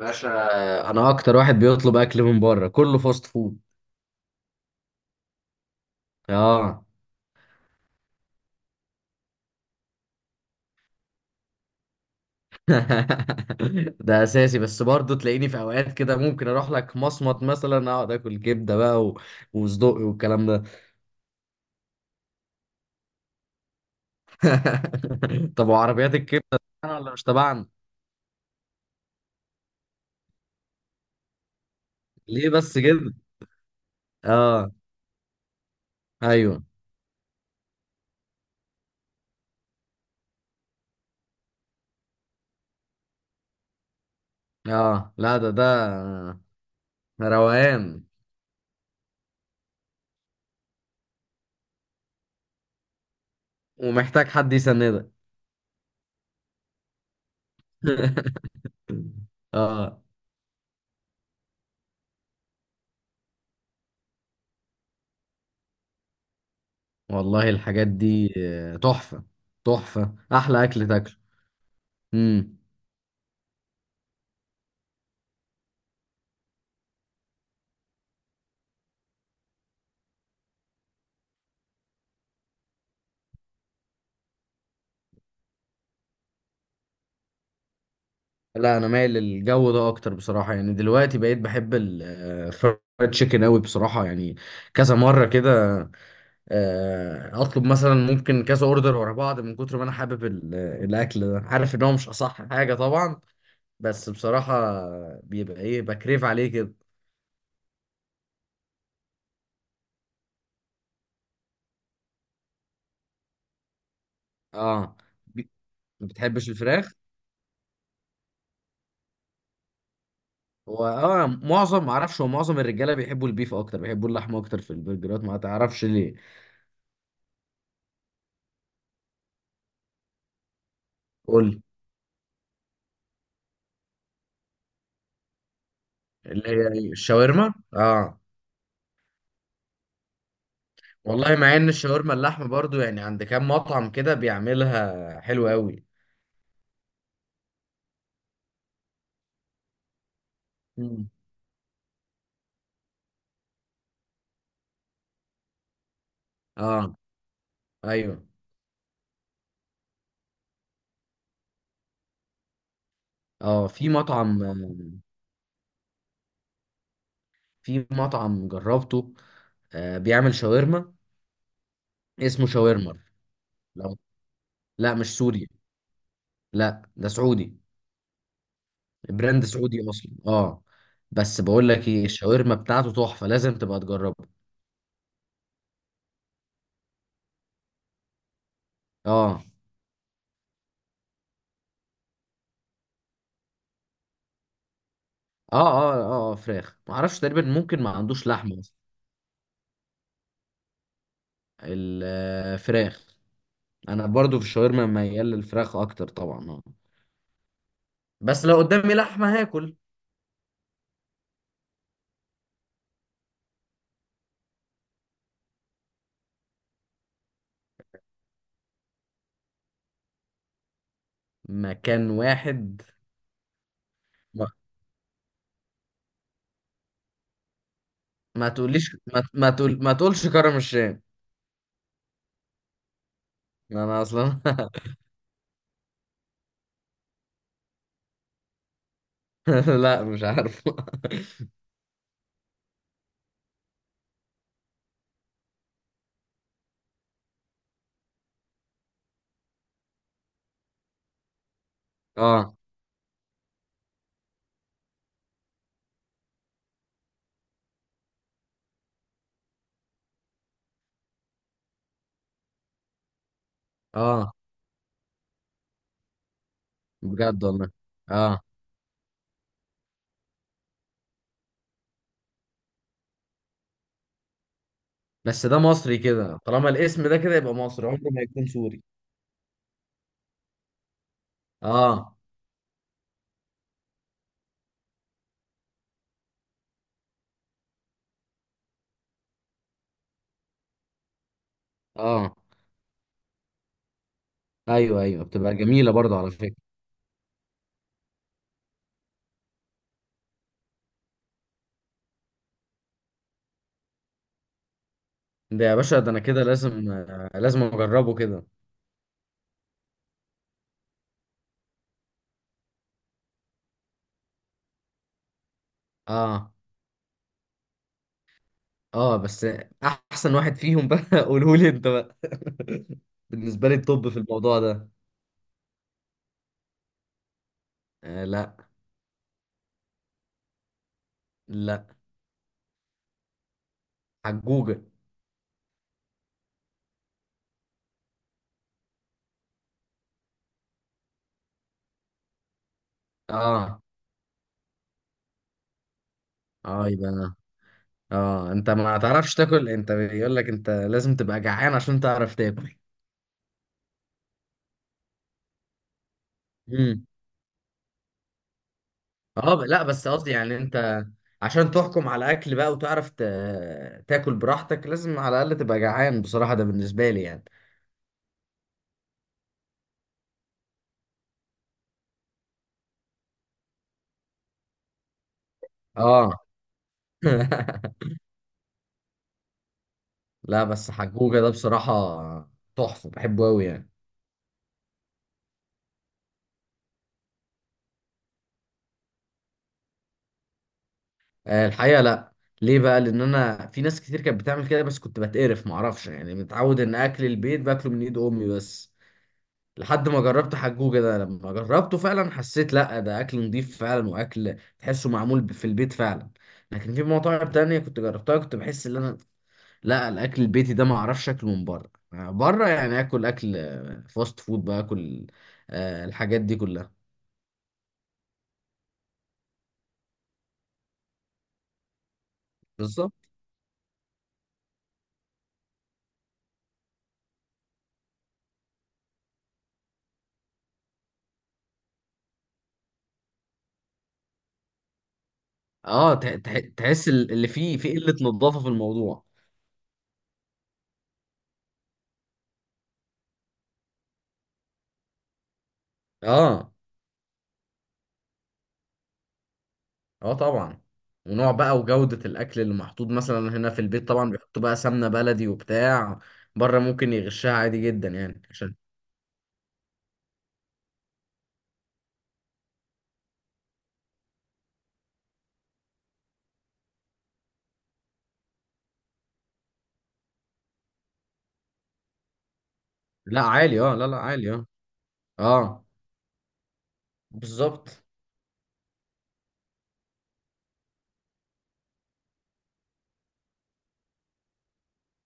باشا. انا اكتر واحد بيطلب اكل من بره، كله فاست فود. اه ده اساسي، بس برضه تلاقيني في اوقات كده، ممكن اروح لك مصمت مثلا، اقعد اكل كبده بقى وصدق والكلام ده. طب وعربيات الكبده، تبعنا ولا مش تبعنا؟ ليه بس كده؟ اه، ايوه. اه، لا. ده روقان، ومحتاج حد يسندك. اه، والله الحاجات دي تحفه. تحفه، احلى اكل تاكله. امم. لا، انا مايل للجو ده اكتر بصراحه، يعني دلوقتي بقيت بحب الفرايد تشيكن قوي بصراحه يعني. كذا مره كده. اطلب مثلا ممكن كذا اوردر ورا بعض من كتر ما انا حابب الاكل ده. عارف ان هو مش اصح حاجه طبعا، بس بصراحه بيبقى ايه بكريف عليه كده. اه. بي- ما بتحبش الفراخ؟ واه، معظم، ما اعرفش، هو معظم الرجاله بيحبوا البيف اكتر، بيحبوا اللحمه اكتر في البرجرات، ما تعرفش ليه؟ قول. اللي هي الشاورما، اه. والله مع ان الشاورما اللحمه برضو يعني، عند كام مطعم كده بيعملها حلو قوي. مم. اه، ايوه. اه، في مطعم جربته، بيعمل شاورما، اسمه شاورمر. لو. لا، مش سوري. لا، ده سعودي. براند سعودي اصلا، اه. بس بقول لك ايه، الشاورما بتاعته تحفه، لازم تبقى تجربها. اه، اه، اه، اه، آه، فراخ، ما اعرفش. تقريبا ممكن ما عندوش لحمه اصلا. الفراخ. انا برضو في الشاورما ميال للفراخ اكتر طبعا، اه. بس لو قدامي لحمه هاكل. مكان واحد؟ ما, ما تقوليش ما, ما تقول ما تقولش كرم الشام. انا اصلا. لا، مش عارف. اه، اه، بجد والله. اه، بس ده مصري كده، طالما الاسم ده كده يبقى مصري، عمره ما يكون سوري. اه، اه، ايوه، ايوه، بتبقى جميله برضو على فكره. ده يا باشا، ده انا كده لازم اجربه كده. اه، اه، بس احسن واحد فيهم بقى؟ قوله لي انت بقى. بالنسبه لي الطب في الموضوع ده. آه، لا، لا. حجوجه. اه، اه، يبقى اه، انت ما تعرفش تاكل انت، بيقول لك انت لازم تبقى جعان عشان تعرف تاكل. امم. اه، لا، بس قصدي يعني انت، عشان تحكم على اكل بقى وتعرف تاكل براحتك، لازم على الاقل تبقى جعان بصراحه، ده بالنسبه لي يعني. اه. لا، بس حجوجه ده بصراحه تحفه، بحبه قوي يعني. الحقيقة لا. ليه بقى؟ لان انا في ناس كتير كانت بتعمل كده، بس كنت بتقرف، معرفش يعني، متعود ان اكل البيت باكله من ايد امي بس. لحد ما جربت حجوجة ده، لما جربته فعلا حسيت لا ده اكل نضيف فعلا، واكل تحسه معمول في البيت فعلا. لكن في مطاعم تانية كنت جربتها كنت بحس ان انا، لا، الاكل البيتي ده معرفش اكله من بره. بره يعني اكل، فاست فود بقى اكل آه، الحاجات دي كلها. بالظبط. اه، تحس اللي فيه، في قلة نظافة في الموضوع. اه، اه، طبعا. ونوع بقى وجودة الأكل اللي محطوط مثلا هنا في البيت، طبعا بيحطوا بقى سمنة بلدي وبتاع. بره ممكن يغشها عادي جدا يعني عشان. لا، عالي، اه، لا، لا، عالي، اه. اه، بالظبط،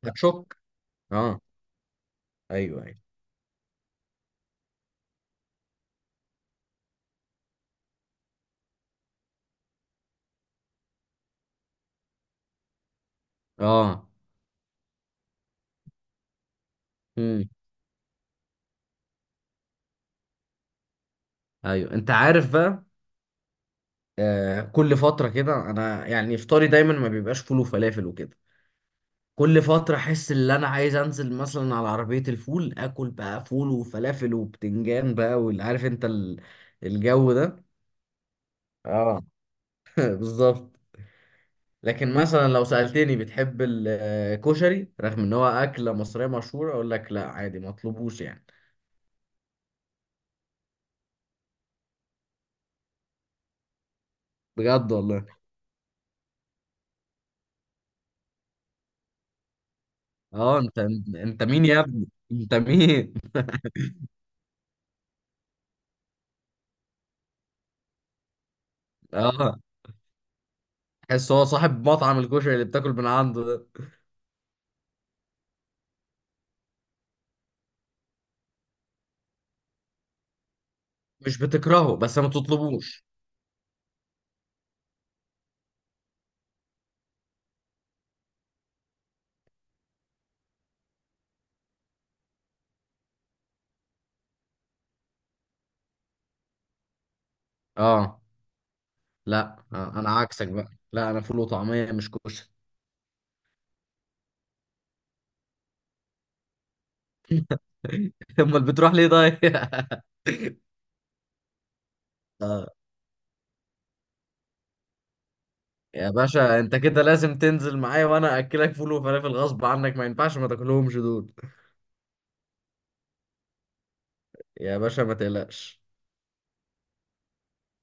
هتشك. اه، ايوه، ايوه. اه، امم، ايوه، انت عارف بقى. كل فترة كده انا يعني افطاري دايما ما بيبقاش فول وفلافل وكده. كل فترة احس ان انا عايز انزل مثلا على عربية الفول، اكل بقى فول وفلافل وبتنجان بقى، واللي عارف انت الجو ده. اه. بالظبط. لكن مثلا لو سألتني بتحب الكشري، رغم ان هو أكلة مصرية مشهورة، اقول لك لا، عادي ما اطلبوش يعني. بجد والله. اه، انت مين يا ابني؟ انت مين؟ اه، تحس هو صاحب مطعم الكشري اللي بتاكل من عنده ده. مش بتكرهه، بس ما تطلبوش. اه، لا، انا عكسك بقى. لا، انا فول وطعمية، مش كشري. امال بتروح ليه طيب؟ اه يا باشا، انت كده لازم تنزل معايا، وانا اكلك فول وفلافل غصب عنك، ما ينفعش ما تاكلهمش دول. يا باشا ما تقلقش.